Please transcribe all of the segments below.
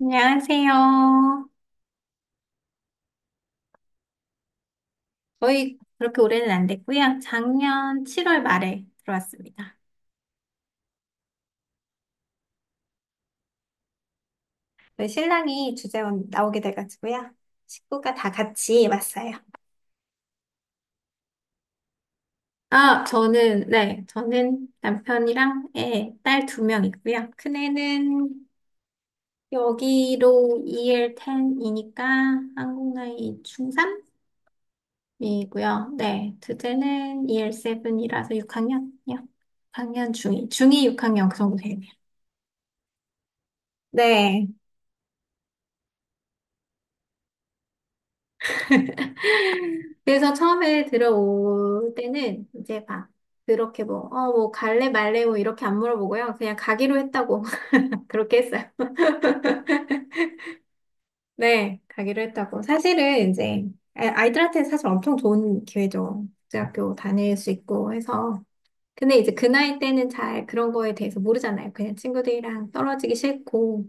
안녕하세요. 거의 그렇게 오래는 안 됐고요. 작년 7월 말에 들어왔습니다. 저희 신랑이 주재원 나오게 돼가지고요. 식구가 다 같이 왔어요. 아, 저는, 네, 저는 남편이랑 애, 딸 두 명 있고요. 큰애는 여기로 EL10이니까 한국 나이 중3이고요. 네, 둘째는 EL7이라서 6학년이요. 6학년 중2, 중2 6학년 그 정도 되네요. 네. 그래서 처음에 들어올 때는 이제 막 그렇게 뭐, 뭐 갈래 말래 뭐 이렇게 안 물어보고요. 그냥 가기로 했다고 그렇게 했어요. 네, 가기로 했다고. 사실은 이제 아이들한테 사실 엄청 좋은 기회죠. 국제학교 다닐 수 있고 해서. 근데 이제 그 나이 때는 잘 그런 거에 대해서 모르잖아요. 그냥 친구들이랑 떨어지기 싫고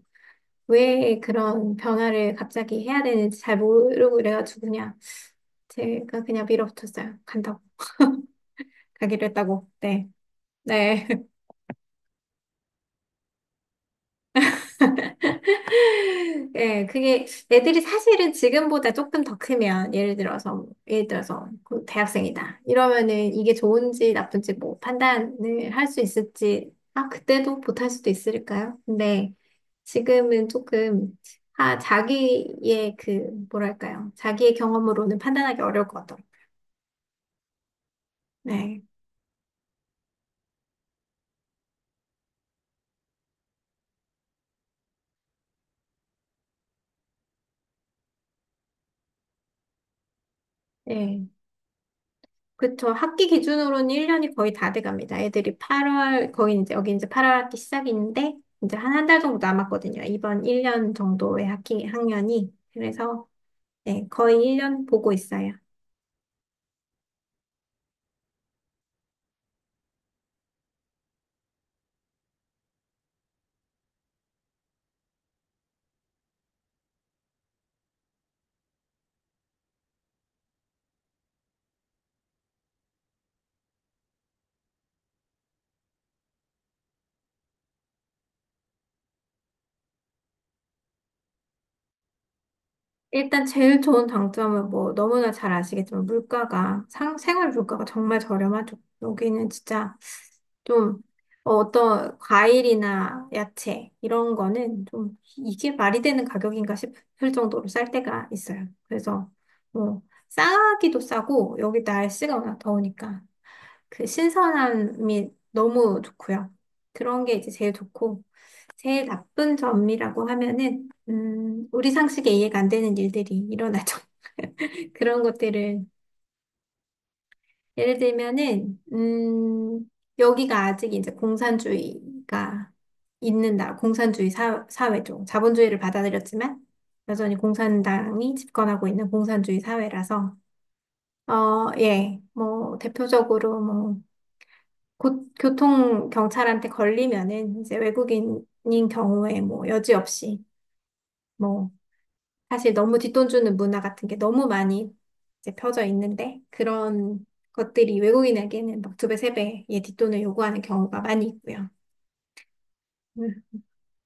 왜 그런 변화를 갑자기 해야 되는지 잘 모르고 그래가지고 그냥 제가 그냥 밀어붙였어요. 간다고. 가기로 했다고. 네. 네. 예, 그게 애들이 사실은 지금보다 조금 더 크면 예를 들어서 뭐, 예를 들어서 그 대학생이다 이러면은 이게 좋은지 나쁜지 뭐 판단을 할 수 있을지 아 그때도 못할 수도 있을까요? 근데 지금은 조금 아 자기의 그 뭐랄까요 자기의 경험으로는 판단하기 어려울 것 같아요. 네, 예. 그쵸. 학기 기준으로는 1년이 거의 다 돼갑니다. 애들이 8월, 거의 이제, 여기 이제 8월 학기 시작인데, 이제 한 한 달 정도 남았거든요. 이번 1년 정도의 학기, 학년이. 그래서, 네, 거의 1년 보고 있어요. 일단 제일 좋은 장점은 뭐, 너무나 잘 아시겠지만, 물가가, 상, 생활 물가가 정말 저렴하죠. 여기는 진짜 좀 어떤 과일이나 야채 이런 거는 좀 이게 말이 되는 가격인가 싶을 정도로 쌀 때가 있어요. 그래서 뭐 싸기도 싸고 여기 날씨가 워낙 더우니까 그 신선함이 너무 좋고요. 그런 게 이제 제일 좋고 제일 나쁜 점이라고 하면은 우리 상식에 이해가 안 되는 일들이 일어나죠. 그런 것들을 예를 들면은, 여기가 아직 이제 공산주의가 있는 나라, 공산주의 사, 사회죠. 자본주의를 받아들였지만, 여전히 공산당이 집권하고 있는 공산주의 사회라서, 예, 뭐, 대표적으로 뭐, 고, 교통 경찰한테 걸리면은, 이제 외국인인 경우에 뭐, 여지없이, 뭐, 사실 너무 뒷돈 주는 문화 같은 게 너무 많이 이제 펴져 있는데 그런 것들이 외국인에게는 막 두 배, 세 배의 뒷돈을 요구하는 경우가 많이 있고요. 음.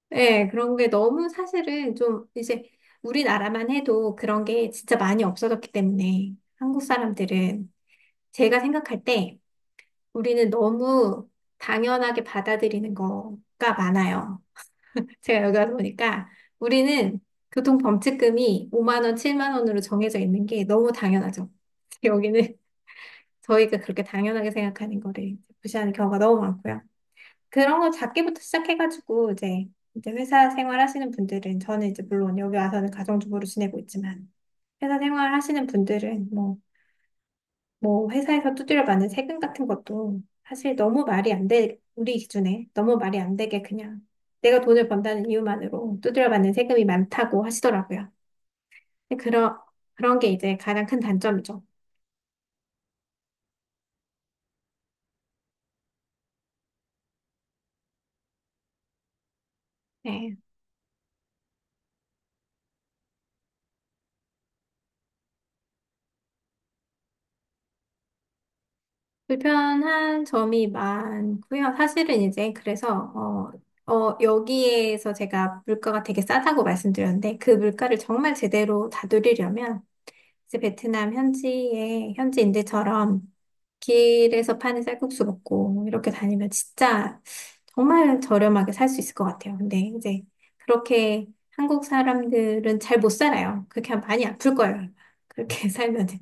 네, 그런 게 너무 사실은 좀 이제 우리나라만 해도 그런 게 진짜 많이 없어졌기 때문에 한국 사람들은 제가 생각할 때 우리는 너무 당연하게 받아들이는 거가 많아요. 제가 여기 와서 보니까 우리는 교통범칙금이 5만 원, 7만 원으로 정해져 있는 게 너무 당연하죠. 여기는 저희가 그렇게 당연하게 생각하는 거를 무시하는 경우가 너무 많고요. 그런 거 작게부터 시작해가지고 이제 이제 회사 생활하시는 분들은 저는 이제 물론 여기 와서는 가정주부로 지내고 있지만 회사 생활하시는 분들은 뭐 회사에서 두드려 맞는 세금 같은 것도 사실 너무 말이 안 돼, 우리 기준에 너무 말이 안 되게 그냥 내가 돈을 번다는 이유만으로 두드려 맞는 세금이 많다고 하시더라고요. 그런, 그런 게 이제 가장 큰 단점이죠. 네. 불편한 점이 많고요. 사실은 이제 그래서 여기에서 제가 물가가 되게 싸다고 말씀드렸는데 그 물가를 정말 제대로 다스리려면 그래서 베트남 현지에 현지인들처럼 길에서 파는 쌀국수 먹고 이렇게 다니면 진짜 정말 저렴하게 살 수 있을 것 같아요. 근데 이제 그렇게 한국 사람들은 잘 못 살아요. 그렇게 하면 많이 아플 거예요. 그렇게 살면은.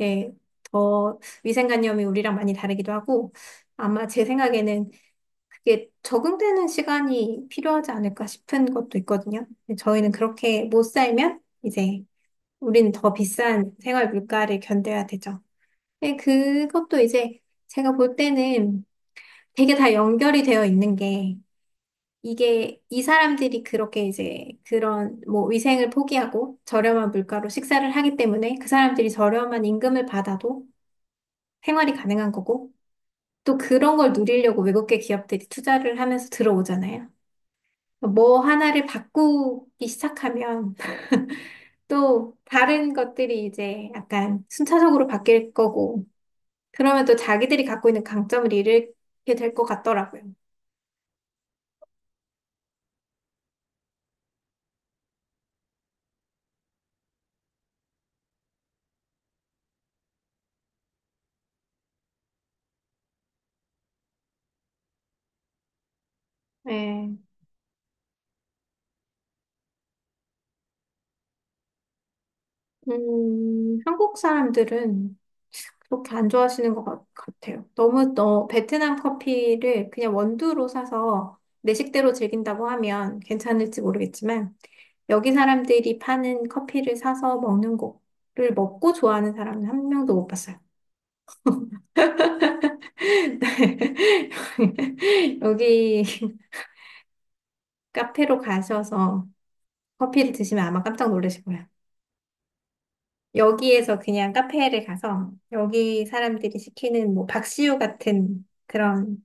예, 더 위생관념이 우리랑 많이 다르기도 하고 아마 제 생각에는 그게 적응되는 시간이 필요하지 않을까 싶은 것도 있거든요. 근데 저희는 그렇게 못 살면 이제 우린 더 비싼 생활 물가를 견뎌야 되죠. 예, 그것도 이제 제가 볼 때는 되게 다 연결이 되어 있는 게 이게 이 사람들이 그렇게 이제 그런 뭐 위생을 포기하고 저렴한 물가로 식사를 하기 때문에 그 사람들이 저렴한 임금을 받아도 생활이 가능한 거고 또 그런 걸 누리려고 외국계 기업들이 투자를 하면서 들어오잖아요. 뭐 하나를 바꾸기 시작하면 또 다른 것들이 이제 약간 순차적으로 바뀔 거고 그러면 또 자기들이 갖고 있는 강점을 잃게 될 것 같더라고요. 네. 한국 사람들은 그렇게 안 좋아하시는 것 같아요. 너무 너 베트남 커피를 그냥 원두로 사서 내 식대로 즐긴다고 하면 괜찮을지 모르겠지만 여기 사람들이 파는 커피를 사서 먹는 거를 먹고 좋아하는 사람은 한 명도 못 봤어요. 여기 카페로 가셔서 커피를 드시면 아마 깜짝 놀라실 거예요. 여기에서 그냥 카페를 가서 여기 사람들이 시키는 뭐 박시우 같은 그런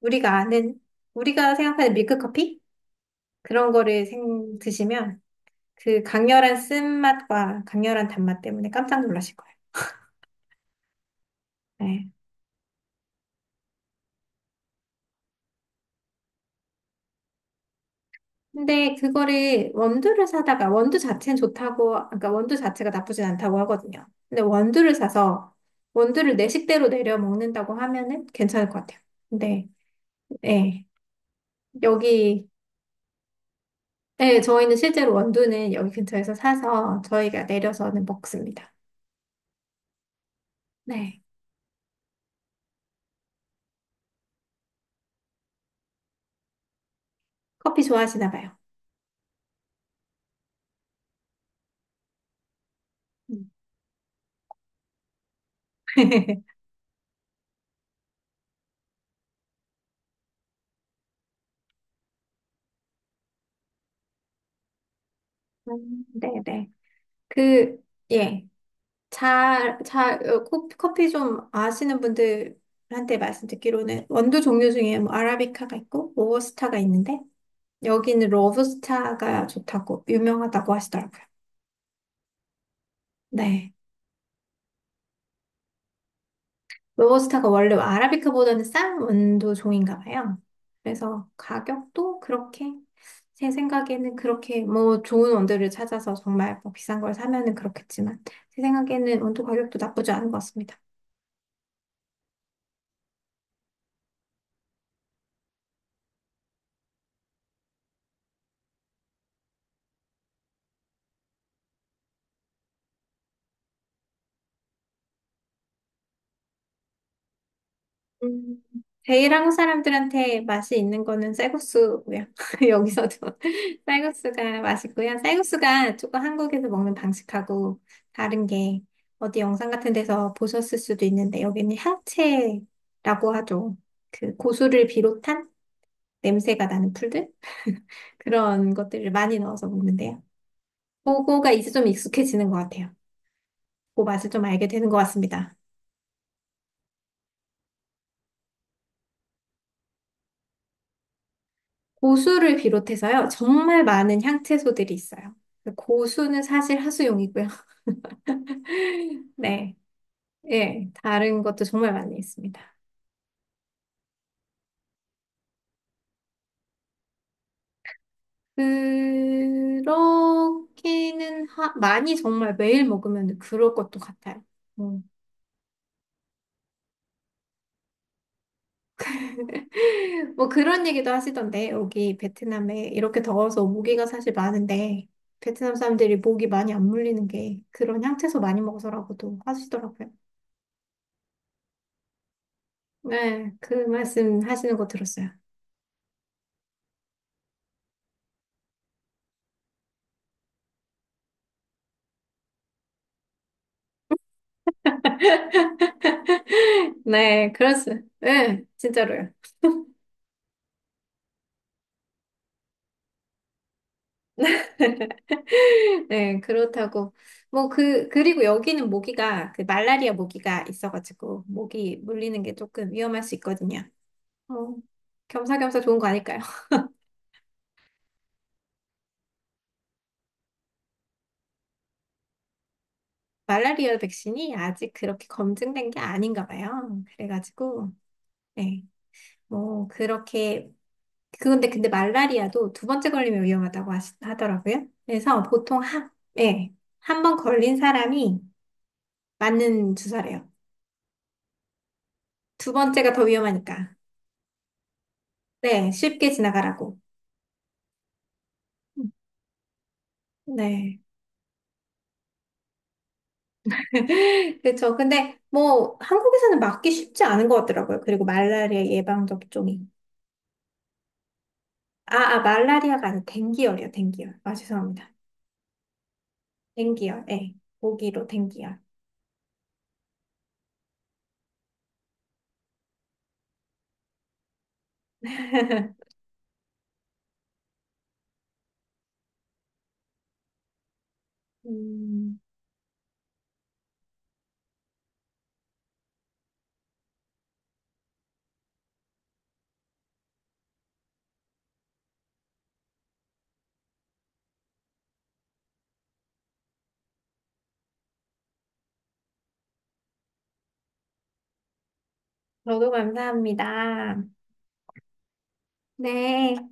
우리가 아는 우리가 생각하는 밀크커피 그런 거를 드시면 그 강렬한 쓴맛과 강렬한 단맛 때문에 깜짝 놀라실 거예요. 네. 근데 그거를 원두를 사다가 원두 자체는 좋다고 그러니까 원두 자체가 나쁘진 않다고 하거든요. 근데 원두를 사서 원두를 내 식대로 내려 먹는다고 하면은 괜찮을 것 같아요. 근데 네 여기 네, 저희는 실제로 원두는 여기 근처에서 사서 저희가 내려서는 먹습니다. 네. 커피 좋아하시나 봐요. 음. 네네. 그, 예. 커피 좀 아시는 분들한테 말씀 듣기로는 원두 종류 중에 뭐 아라비카가 있고 로부스타가 있는데 여기는 로부스타가 좋다고 유명하다고 하시더라고요. 네. 로버스타가 원래 아라비카보다는 싼 원두 종인가 봐요. 그래서 가격도 그렇게 제 생각에는 그렇게 뭐 좋은 원두를 찾아서 정말 뭐 비싼 걸 사면은 그렇겠지만 제 생각에는 원두 가격도 나쁘지 않은 것 같습니다. 음, 제일 한국 사람들한테 맛이 있는 거는 쌀국수고요. 여기서도 쌀국수가 맛있고요. 쌀국수가 조금 한국에서 먹는 방식하고 다른 게 어디 영상 같은 데서 보셨을 수도 있는데 여기는 향채라고 하죠. 그 고수를 비롯한 냄새가 나는 풀들 그런 것들을 많이 넣어서 먹는데요. 그거가 이제 좀 익숙해지는 것 같아요. 그 맛을 좀 알게 되는 것 같습니다. 고수를 비롯해서요, 정말 많은 향채소들이 있어요. 고수는 사실 하수용이고요. 네, 예, 다른 것도 정말 많이 있습니다. 그렇게는 많이 정말 매일 먹으면 그럴 것도 같아요. 음. 뭐 그런 얘기도 하시던데, 여기 베트남에 이렇게 더워서 모기가 사실 많은데, 베트남 사람들이 모기 많이 안 물리는 게 그런 향채소 많이 먹어서라고도 하시더라고요. 네, 그 말씀 하시는 거 들었어요. 네, 그렇습니다. 네, 진짜로요. 네, 그렇다고. 뭐, 그리고 여기는 모기가, 그 말라리아 모기가 있어가지고, 모기 물리는 게 조금 위험할 수 있거든요. 어, 겸사겸사 좋은 거 아닐까요? 말라리아 백신이 아직 그렇게 검증된 게 아닌가 봐요. 그래가지고, 네, 뭐, 그렇게 그건데 근데 말라리아도 두 번째 걸리면 위험하다고 하더라고요. 그래서 보통 한, 예, 한 번 걸린 사람이 맞는 주사래요. 두 번째가 더 위험하니까. 네, 쉽게 지나가라고. 음, 네. 그렇죠. 근데 뭐 한국에서는 맞기 쉽지 않은 것 같더라고요. 그리고 말라리아 예방 접종이. 아, 아, 말라리아가 아니라 댕기열이요. 댕기열. 아, 죄송합니다. 댕기열. 예. 모기로 댕기열. 음, 저도 감사합니다. 네.